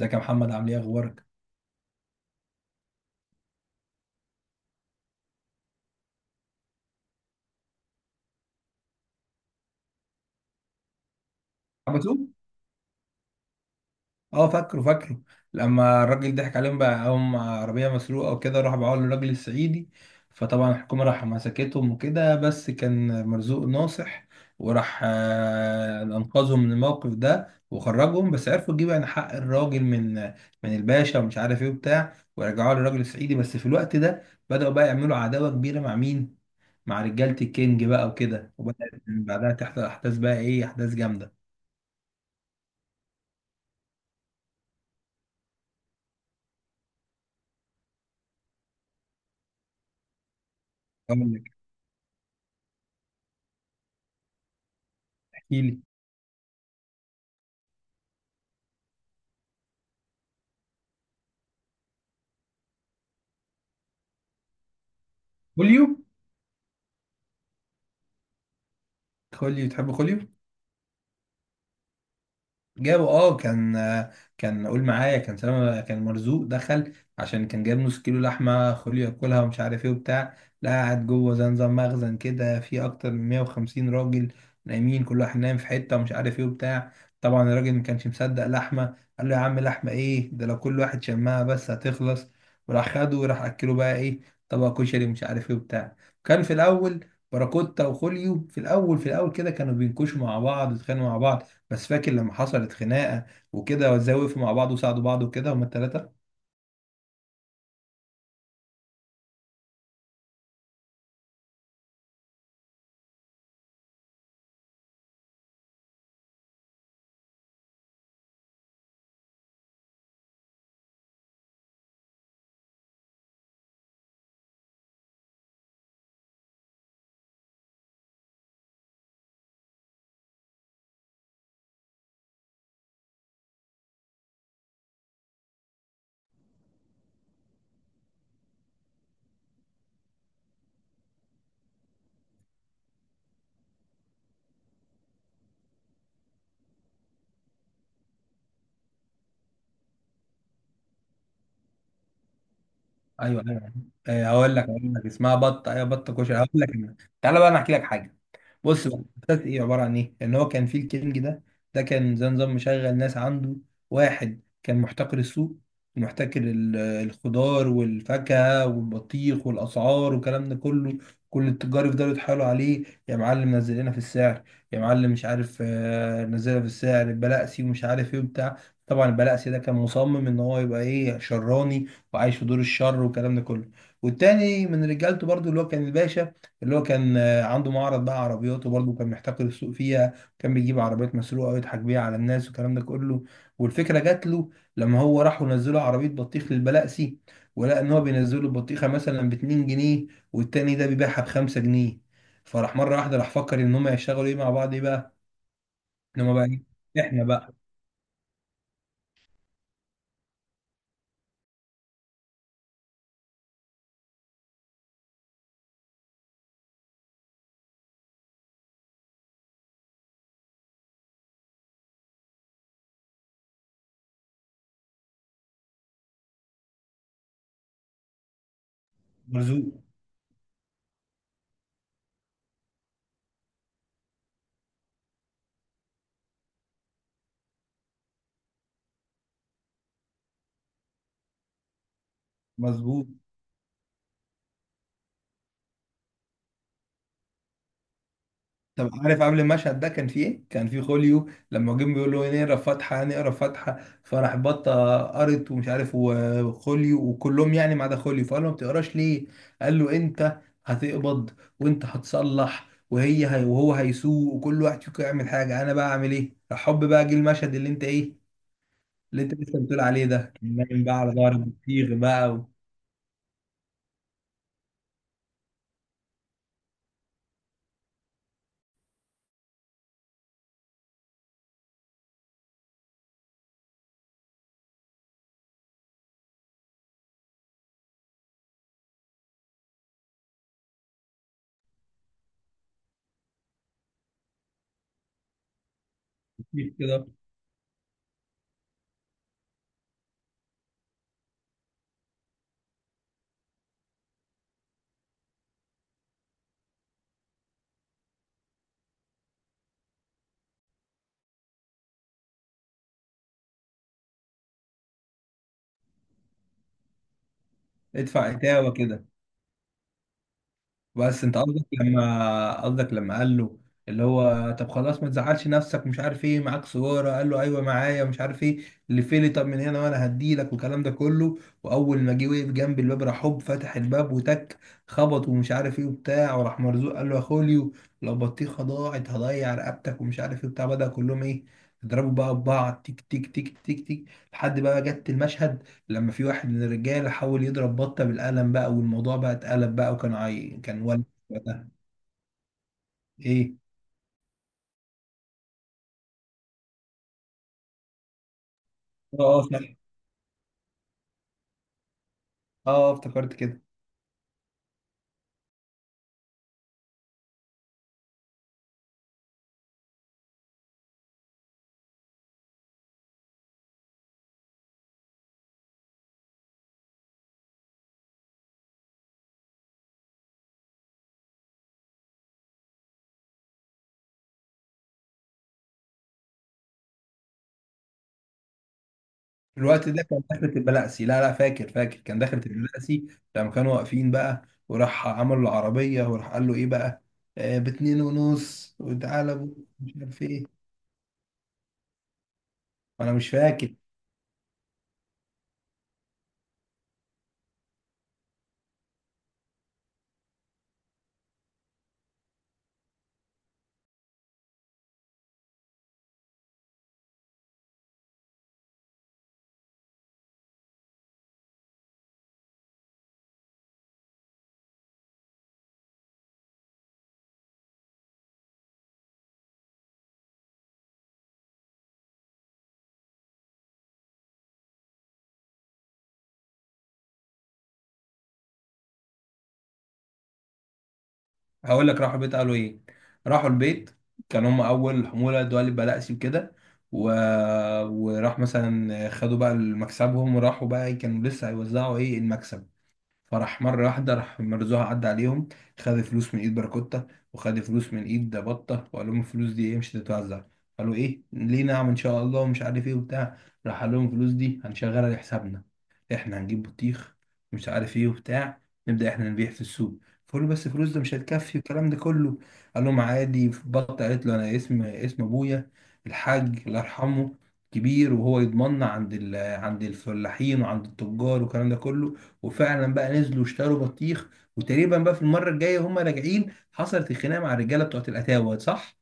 ازيك يا محمد؟ عامل ايه؟ اخبارك؟ عبسو، اه فاكره. لما الراجل ضحك عليهم بقى هم عربيه مسروقه وكده، راح باعوها للراجل الصعيدي. فطبعا الحكومه راح مسكتهم وكده، بس كان مرزوق ناصح وراح انقذهم من الموقف ده وخرجهم، بس عرفوا يجيبوا يعني حق الراجل من الباشا ومش عارف ايه وبتاع، ورجعوها للراجل الصعيدي. بس في الوقت ده بدأوا بقى يعملوا عداوه كبيره مع مين؟ مع رجاله الكينج بقى وكده، وبدأت من بعدها تحصل احداث بقى ايه، احداث جامده. كيلي، خوليو، خوليو تحب خوليو. جابوا اه، كان قول معايا، كان سما، كان مرزوق دخل عشان كان جايب نص كيلو لحمه خليه ياكلها ومش عارف ايه وبتاع. لا، قاعد جوه زي نظام مخزن كده، في اكتر من 150 راجل نايمين، كل واحد نايم في حته ومش عارف ايه وبتاع. طبعا الراجل ما كانش مصدق لحمه، قال له يا عم لحمه ايه ده؟ لو كل واحد شمها بس هتخلص. وراح خده وراح اكله بقى ايه، طبق كشري، مش عارف ايه وبتاع. كان في الاول باراكوتا وخوليو، في الاول كده كانوا بينكشوا مع بعض ويتخانقوا مع بعض، بس فاكر لما حصلت خناقه وكده، وزوقوا مع بعض وساعدوا بعض وكده، هما الثلاثه. ايوه ايوه. هقول لك اسمها بطه. ايوه، بطه كشري، هقول لك أنا. تعالى بقى انا احكي لك حاجه. بص بقى، مسلسل ايه عباره عن ايه؟ ان هو كان في الكينج ده كان زي نظام مشغل ناس عنده، واحد كان محتكر السوق، ومحتكر الخضار والفاكهه والبطيخ والاسعار والكلام ده كله. كل التجار يفضلوا يتحايلوا عليه: يا معلم نزل لنا في السعر، يا معلم مش عارف نزل لنا في السعر البلاقسي ومش عارف ايه وبتاع. طبعا البلاقسي ده كان مصمم ان هو يبقى ايه، شراني، وعايش في دور الشر والكلام ده كله. والتاني من رجالته برضو اللي هو كان الباشا، اللي هو كان عنده معرض بقى عربيات وبرضه كان محتكر السوق فيها. كان بيجيب عربيات مسروقه ويضحك بيها على الناس والكلام ده كله. والفكره جات له لما هو راحوا نزلوا عربيه بطيخ للبلقسي، ولقى ان هو بينزلوا البطيخه مثلا ب 2 جنيه، والتاني ده بيبيعها ب 5 جنيه. فراح مره واحده راح فكر ان هم يشتغلوا ايه مع بعض، ايه بقى، ان هم بقى إيه؟ احنا بقى، مرزوق. مظبوط. طب عارف قبل المشهد ده كان فيه ايه؟ كان فيه خوليو، لما جم بيقول له نقرا فاتحه نقرا فاتحه، فراح بطه قرت ومش عارف وخوليو وكلهم يعني ما عدا خوليو، فقال له ما بتقراش ليه؟ قال له انت هتقبض وانت هتصلح وهي هي وهو هيسوق وكل واحد فيكم يعمل حاجه، انا بقى اعمل ايه؟ راح حب بقى جه المشهد اللي انت ايه، اللي انت لسه بتقول عليه، ده كان نايم بقى على ظهر بطيخ بقى، وبطيخ كده. ادفع اتاوه كده. بس انت قصدك لما قال له، اللي هو طب خلاص ما تزعلش نفسك، مش عارف ايه، معاك صورة؟ قال له ايوه معايا، مش عارف ايه، اللي فيلي طب من هنا وانا هديلك والكلام ده كله. واول ما جه وقف جنب الباب، راح هوب فتح الباب وتك، خبط ومش عارف ايه وبتاع. وراح مرزوق قال له يا خوليو، لو بطيخه ضاعت هضيع رقبتك ومش عارف ايه وبتاع. بدأ كلهم ايه، يضربوا بقى ببعض، تيك تيك تيك تيك تيك، لحد بقى جت المشهد لما في واحد من الرجاله حاول يضرب بطه بالقلم بقى، والموضوع بقى اتقلب بقى، وكان كان ولد وقتها. ايه؟ اه، صح، اه، افتكرت كده. الوقت ده كان دخلة البلاسي، لا لا، فاكر كان دخلة البلاسي. لما كانوا واقفين بقى، وراح عمل العربية وراح قال له ايه بقى، آه باتنين ونص وتعالى مش عارف ايه. انا مش فاكر. هقول لك راحوا البيت قالوا ايه. راحوا البيت، كان هم اول حموله دول بلاقسي وكده، و... وراح مثلا خدوا بقى مكسبهم، وراحوا بقى كانوا لسه هيوزعوا ايه المكسب، فراح مرة واحدة راح مرزوها عدى عليهم، خد فلوس من ايد باراكوتا وخد فلوس من ايد بطة، وقال لهم الفلوس دي ايه، مش هتتوزع. قالوا ايه ليه، نعم ان شاء الله ومش عارف ايه وبتاع. راح قال لهم الفلوس دي هنشغلها لحسابنا، احنا هنجيب بطيخ ومش عارف ايه وبتاع، نبدأ احنا نبيع في السوق. فقالوا بس الفلوس ده مش هتكفي والكلام ده كله، قال لهم عادي. بطة قالت له انا اسم ابويا الحاج الله يرحمه كبير، وهو يضمننا عند عند الفلاحين وعند التجار والكلام ده كله. وفعلا بقى نزلوا واشتروا بطيخ، وتقريبا بقى في المره الجايه هم راجعين حصلت الخناقه مع الرجاله بتوعت الاتاوه، صح؟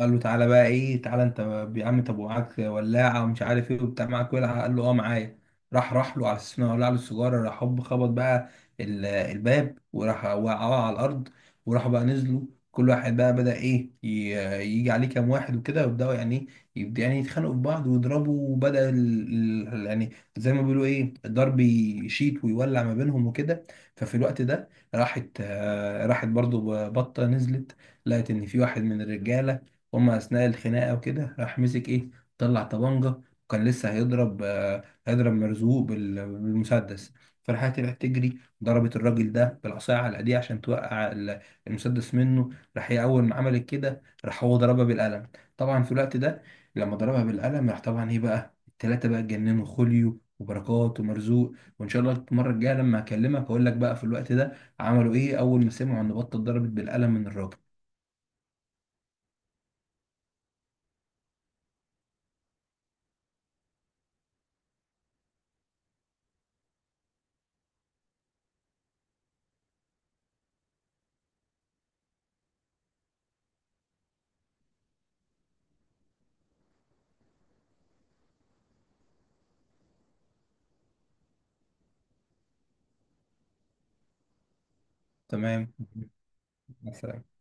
قال له تعالى بقى ايه، تعالى انت يا عم، طب ومعاك ولاعه ومش عارف ايه وبتاع، معاك ولعه؟ قال له اه معايا. راح له على اساس انه ولع له السيجاره، راح هوب خبط بقى الباب، وراح وقعوه على الارض، وراحوا بقى نزلوا، كل واحد بقى بدأ ايه يجي عليه كام واحد وكده، ويبدأوا يعني ايه، يبدأ يعني يتخانقوا في بعض ويضربوا. وبدأ يعني زي ما بيقولوا ايه، الضرب يشيط ويولع ما بينهم وكده. ففي الوقت ده راحت راحت برضو بطة نزلت، لقت ان في واحد من الرجالة هما اثناء الخناقه وكده راح مسك ايه، طلع طبنجه، وكان لسه هيضرب هيضرب مرزوق بالمسدس. فراحت طلعت تجري ضربت الراجل ده بالعصايه على ايديه عشان توقع المسدس منه. راح هي اول ما عملت كده، راح هو ضربها بالقلم. طبعا في الوقت ده لما ضربها بالقلم راح طبعا ايه بقى، التلاته بقى اتجننوا، خوليو وبركات ومرزوق. وان شاء الله المره الجايه لما اكلمك اقول لك بقى في الوقت ده عملوا ايه اول ما سمعوا ان بطه ضربت بالقلم من الراجل. تمام، مع السلامة.